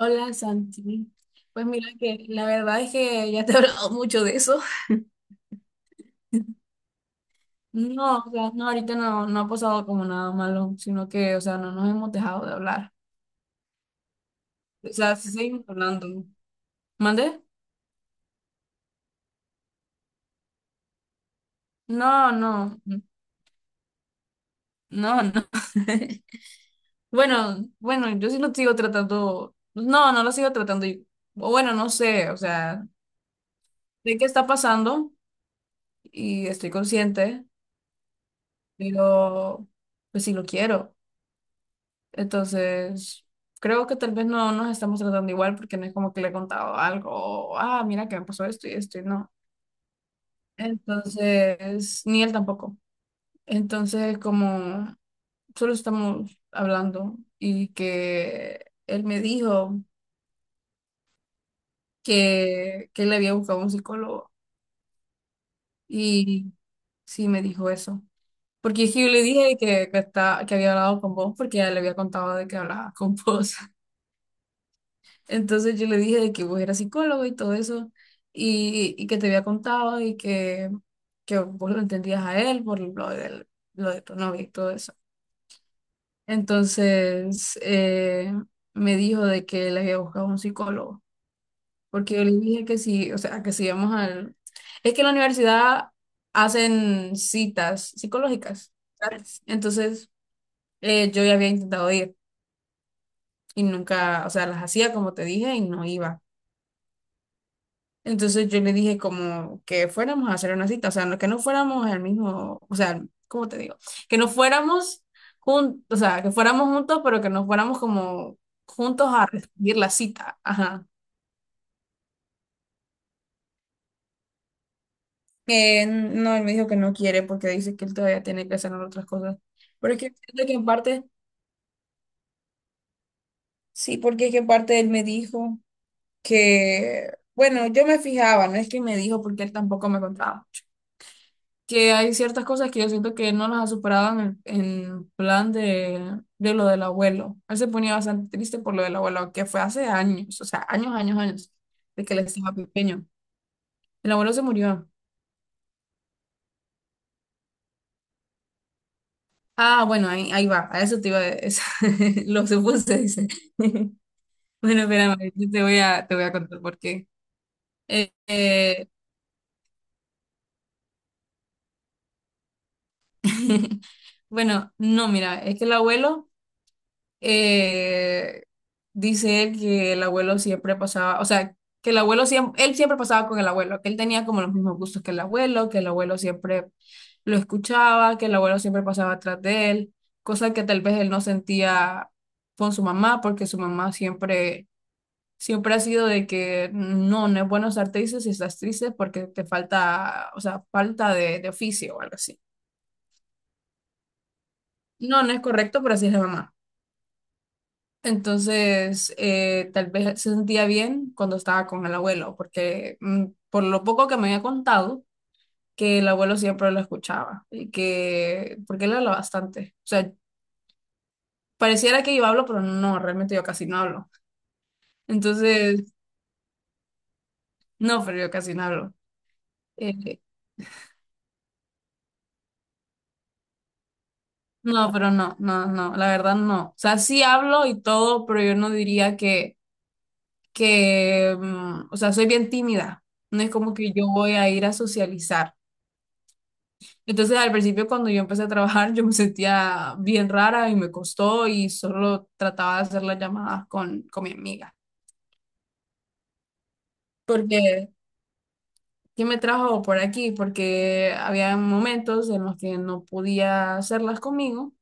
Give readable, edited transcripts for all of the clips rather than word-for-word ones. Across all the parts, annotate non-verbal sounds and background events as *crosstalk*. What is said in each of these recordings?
Hola Santi. Pues mira que la verdad es que ya te he hablado *laughs* mucho de eso. No, o sea, no, ahorita no, no ha pasado como nada malo, sino que, o sea, no nos hemos dejado de hablar. O sea, sí seguimos hablando. ¿Mande? No, no, no, no. *laughs* Bueno, bueno, yo sí lo sigo tratando. No, no lo sigo tratando. Y- o Bueno, no sé, o sea, sé qué está pasando y estoy consciente, pero pues sí lo quiero. Entonces, creo que tal vez no nos estamos tratando igual porque no es como que le he contado algo, o, ah, mira que me pasó esto y esto y no. Entonces, ni él tampoco. Entonces, como solo estamos hablando y que él me dijo que él había buscado un psicólogo y sí me dijo eso. Porque es que yo le dije que está, que había hablado con vos porque ya le había contado de que hablaba con vos. Entonces yo le dije de que vos eras psicólogo y todo eso, y que te había contado y que vos lo entendías a él lo de tu novia y todo eso. Entonces me dijo de que le había buscado un psicólogo, porque yo le dije que sí, o sea, que si íbamos al... Es que en la universidad hacen citas psicológicas gratis. Entonces yo ya había intentado ir y nunca, o sea, las hacía como te dije y no iba. Entonces yo le dije como que fuéramos a hacer una cita, o sea, que no fuéramos al mismo, o sea, ¿cómo te digo? Que no fuéramos juntos, o sea, que fuéramos juntos, pero que no fuéramos como juntos a recibir la cita. Ajá. No, él me dijo que no quiere porque dice que él todavía tiene que hacer otras cosas. Pero es que siento que en parte, sí, porque es que en parte él me dijo que, bueno, yo me fijaba, no es que me dijo porque él tampoco me contaba. Que hay ciertas cosas que yo siento que no las ha superado en plan de lo del abuelo. Él se ponía bastante triste por lo del abuelo, que fue hace años, o sea, años, años, años, de que él estaba pequeño. El abuelo se murió. Ah, bueno, ahí, ahí va, a eso te iba a eso- *laughs* lo supuse, dice. *laughs* Bueno, espérame, yo te voy a contar por qué. Eh, eh, *laughs* bueno, no, mira, es que el abuelo... eh, dice él que el abuelo siempre pasaba, o sea, que el abuelo siempre, él siempre pasaba con el abuelo, que él tenía como los mismos gustos que el abuelo siempre lo escuchaba, que el abuelo siempre pasaba atrás de él, cosa que tal vez él no sentía con su mamá, porque su mamá siempre, siempre ha sido de que no, no es bueno estar triste si estás triste porque te falta, o sea, falta de oficio o algo así. No, no es correcto, pero así es la mamá. Entonces, tal vez se sentía bien cuando estaba con el abuelo, porque por lo poco que me había contado, que el abuelo siempre lo escuchaba y que, porque él habla bastante. O sea, pareciera que yo hablo, pero no, realmente yo casi no hablo. Entonces, no, pero yo casi no hablo. Eh, no, pero no, no, no, la verdad no. O sea, sí hablo y todo, pero yo no diría que, o sea, soy bien tímida. No es como que yo voy a ir a socializar. Entonces, al principio, cuando yo empecé a trabajar, yo me sentía bien rara y me costó y solo trataba de hacer las llamadas con mi amiga. Porque, ¿qué me trajo por aquí? Porque había momentos en los que no podía hacerlas conmigo.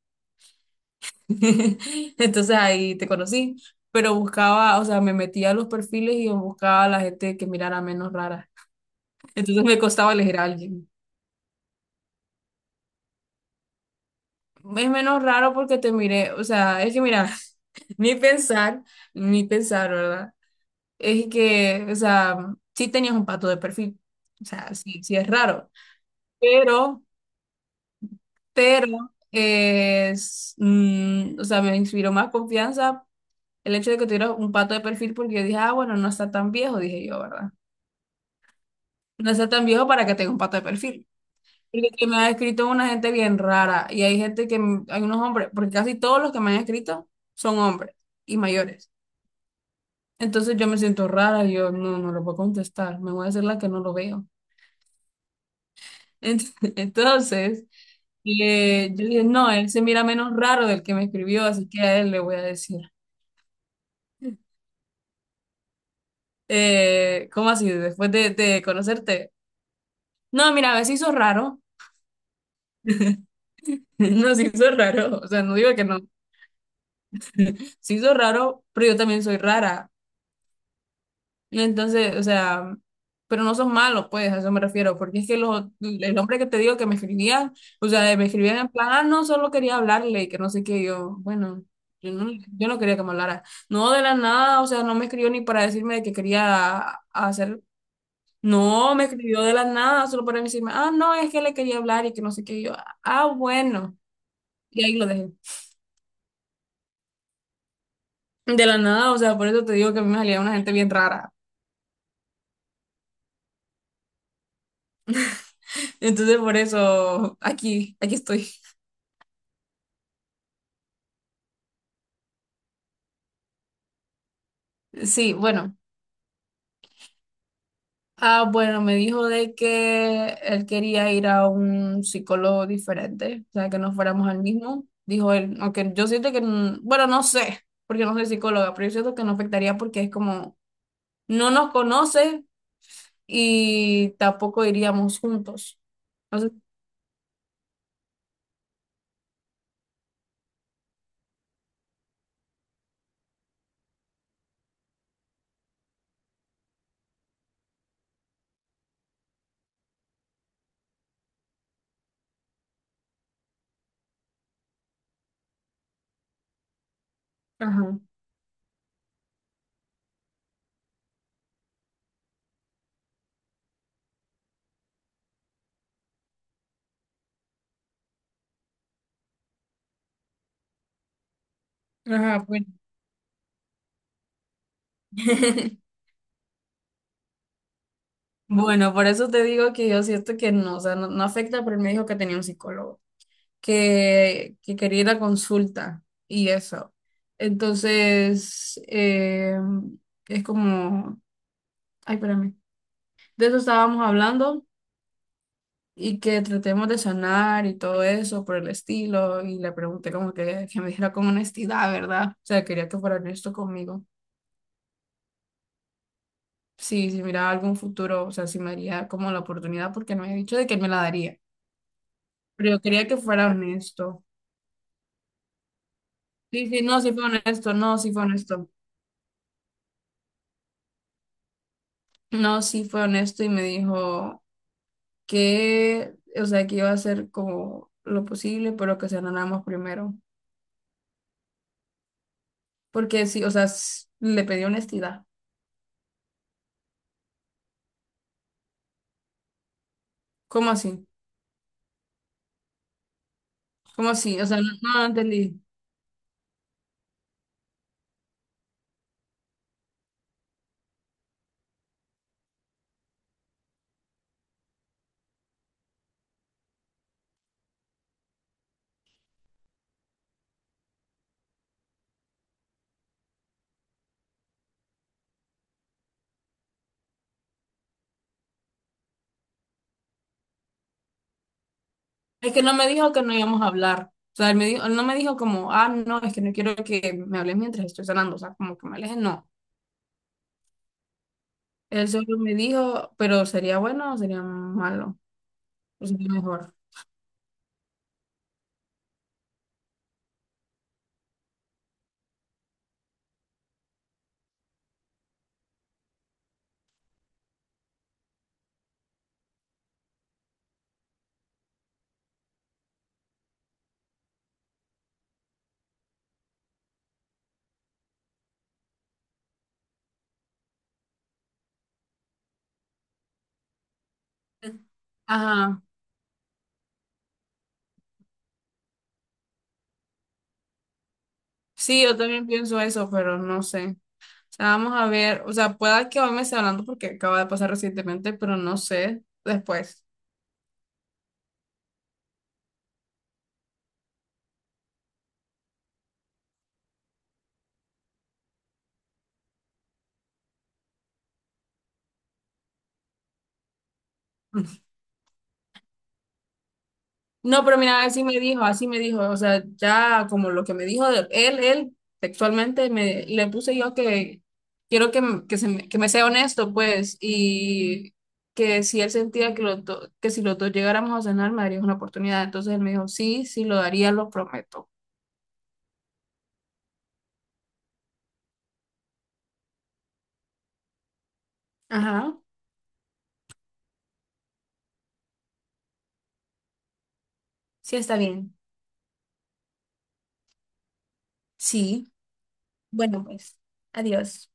*laughs* Entonces, ahí te conocí. Pero buscaba, o sea, me metía a los perfiles y buscaba a la gente que mirara menos rara. Entonces, me costaba elegir a alguien. Es menos raro porque te miré, o sea, es que mira, *laughs* ni pensar, ni pensar, ¿verdad? Es que, o sea, sí tenías un pato de perfil, o sea, sí, sí es raro, pero, pero, o sea, me inspiró más confianza el hecho de que tuviera un pato de perfil porque yo dije, ah, bueno, no está tan viejo, dije yo, ¿verdad? No está tan viejo para que tenga un pato de perfil. Porque que me ha escrito una gente bien rara y hay gente que, hay unos hombres, porque casi todos los que me han escrito son hombres y mayores. Entonces yo me siento rara, yo no, no lo puedo contestar, me voy a hacer la que no lo veo. *laughs* Entonces, yo dije, no, él se mira menos raro del que me escribió, así que a él le voy a decir. ¿Cómo así? Después de conocerte. No, mira, a ver, se hizo raro. *laughs* No, se hizo raro. O sea, no digo que no. Se hizo raro, pero yo también soy rara. Entonces, o sea, pero no son malos, pues, a eso me refiero, porque es que los, el hombre que te digo que me escribía, o sea, me escribía en plan, ah, no, solo quería hablarle, y que no sé qué, y yo, bueno, yo no, yo no quería que me hablara. No, de la nada, o sea, no me escribió ni para decirme de que quería hacer, no, me escribió de la nada, solo para decirme, ah, no, es que le quería hablar y que no sé qué, y yo, ah, bueno, y ahí lo dejé. De la nada, o sea, por eso te digo que a mí me salía una gente bien rara. Entonces, por eso aquí, aquí estoy. Sí, bueno. Ah, bueno, me dijo de que él quería ir a un psicólogo diferente, o sea, que no fuéramos al mismo. Dijo él, aunque yo siento que, bueno, no sé, porque no soy psicóloga, pero yo siento que no afectaría porque es como, no nos conoce y tampoco iríamos juntos. Entonces, ajá, ajá, bueno. *laughs* Bueno, por eso te digo que yo siento que no, o sea, no, no afecta, pero él me dijo que tenía un psicólogo, que quería ir a consulta y eso. Entonces, es como, ay, espérame, de eso estábamos hablando y que tratemos de sanar y todo eso por el estilo y le pregunté como que me dijera con honestidad, ¿verdad? O sea, quería que fuera honesto conmigo. Sí, si miraba algún futuro, o sea, si me daría como la oportunidad porque me había dicho de que me la daría, pero yo quería que fuera honesto. Sí, sí, no, sí fue honesto, no, sí fue honesto. No, sí fue honesto y me dijo, que, o sea, que iba a hacer como lo posible, pero que se más primero. Porque sí, o sea, le pedí honestidad. ¿Cómo así? ¿Cómo así? O sea, no, no entendí. Es que no me dijo que no íbamos a hablar. O sea, él, me dijo, él no me dijo como, ah, no, es que no quiero que me hables mientras estoy sanando. O sea, como que me alejen, no. Él solo me dijo, pero sería bueno o sería malo, o sería mejor. Ajá. Sí, yo también pienso eso, pero no sé. Sea, vamos a ver, o sea, pueda que hoy me esté hablando porque acaba de pasar recientemente, pero no sé, después. No, pero mira, así me dijo, o sea, ya como lo que me dijo él, él textualmente me le puse yo que quiero que, que me sea honesto, pues, y que si él sentía que, que si los dos llegáramos a cenar me darías una oportunidad. Entonces él me dijo, sí, sí lo daría, lo prometo. Ajá, sí está bien. Sí, bueno, pues, adiós.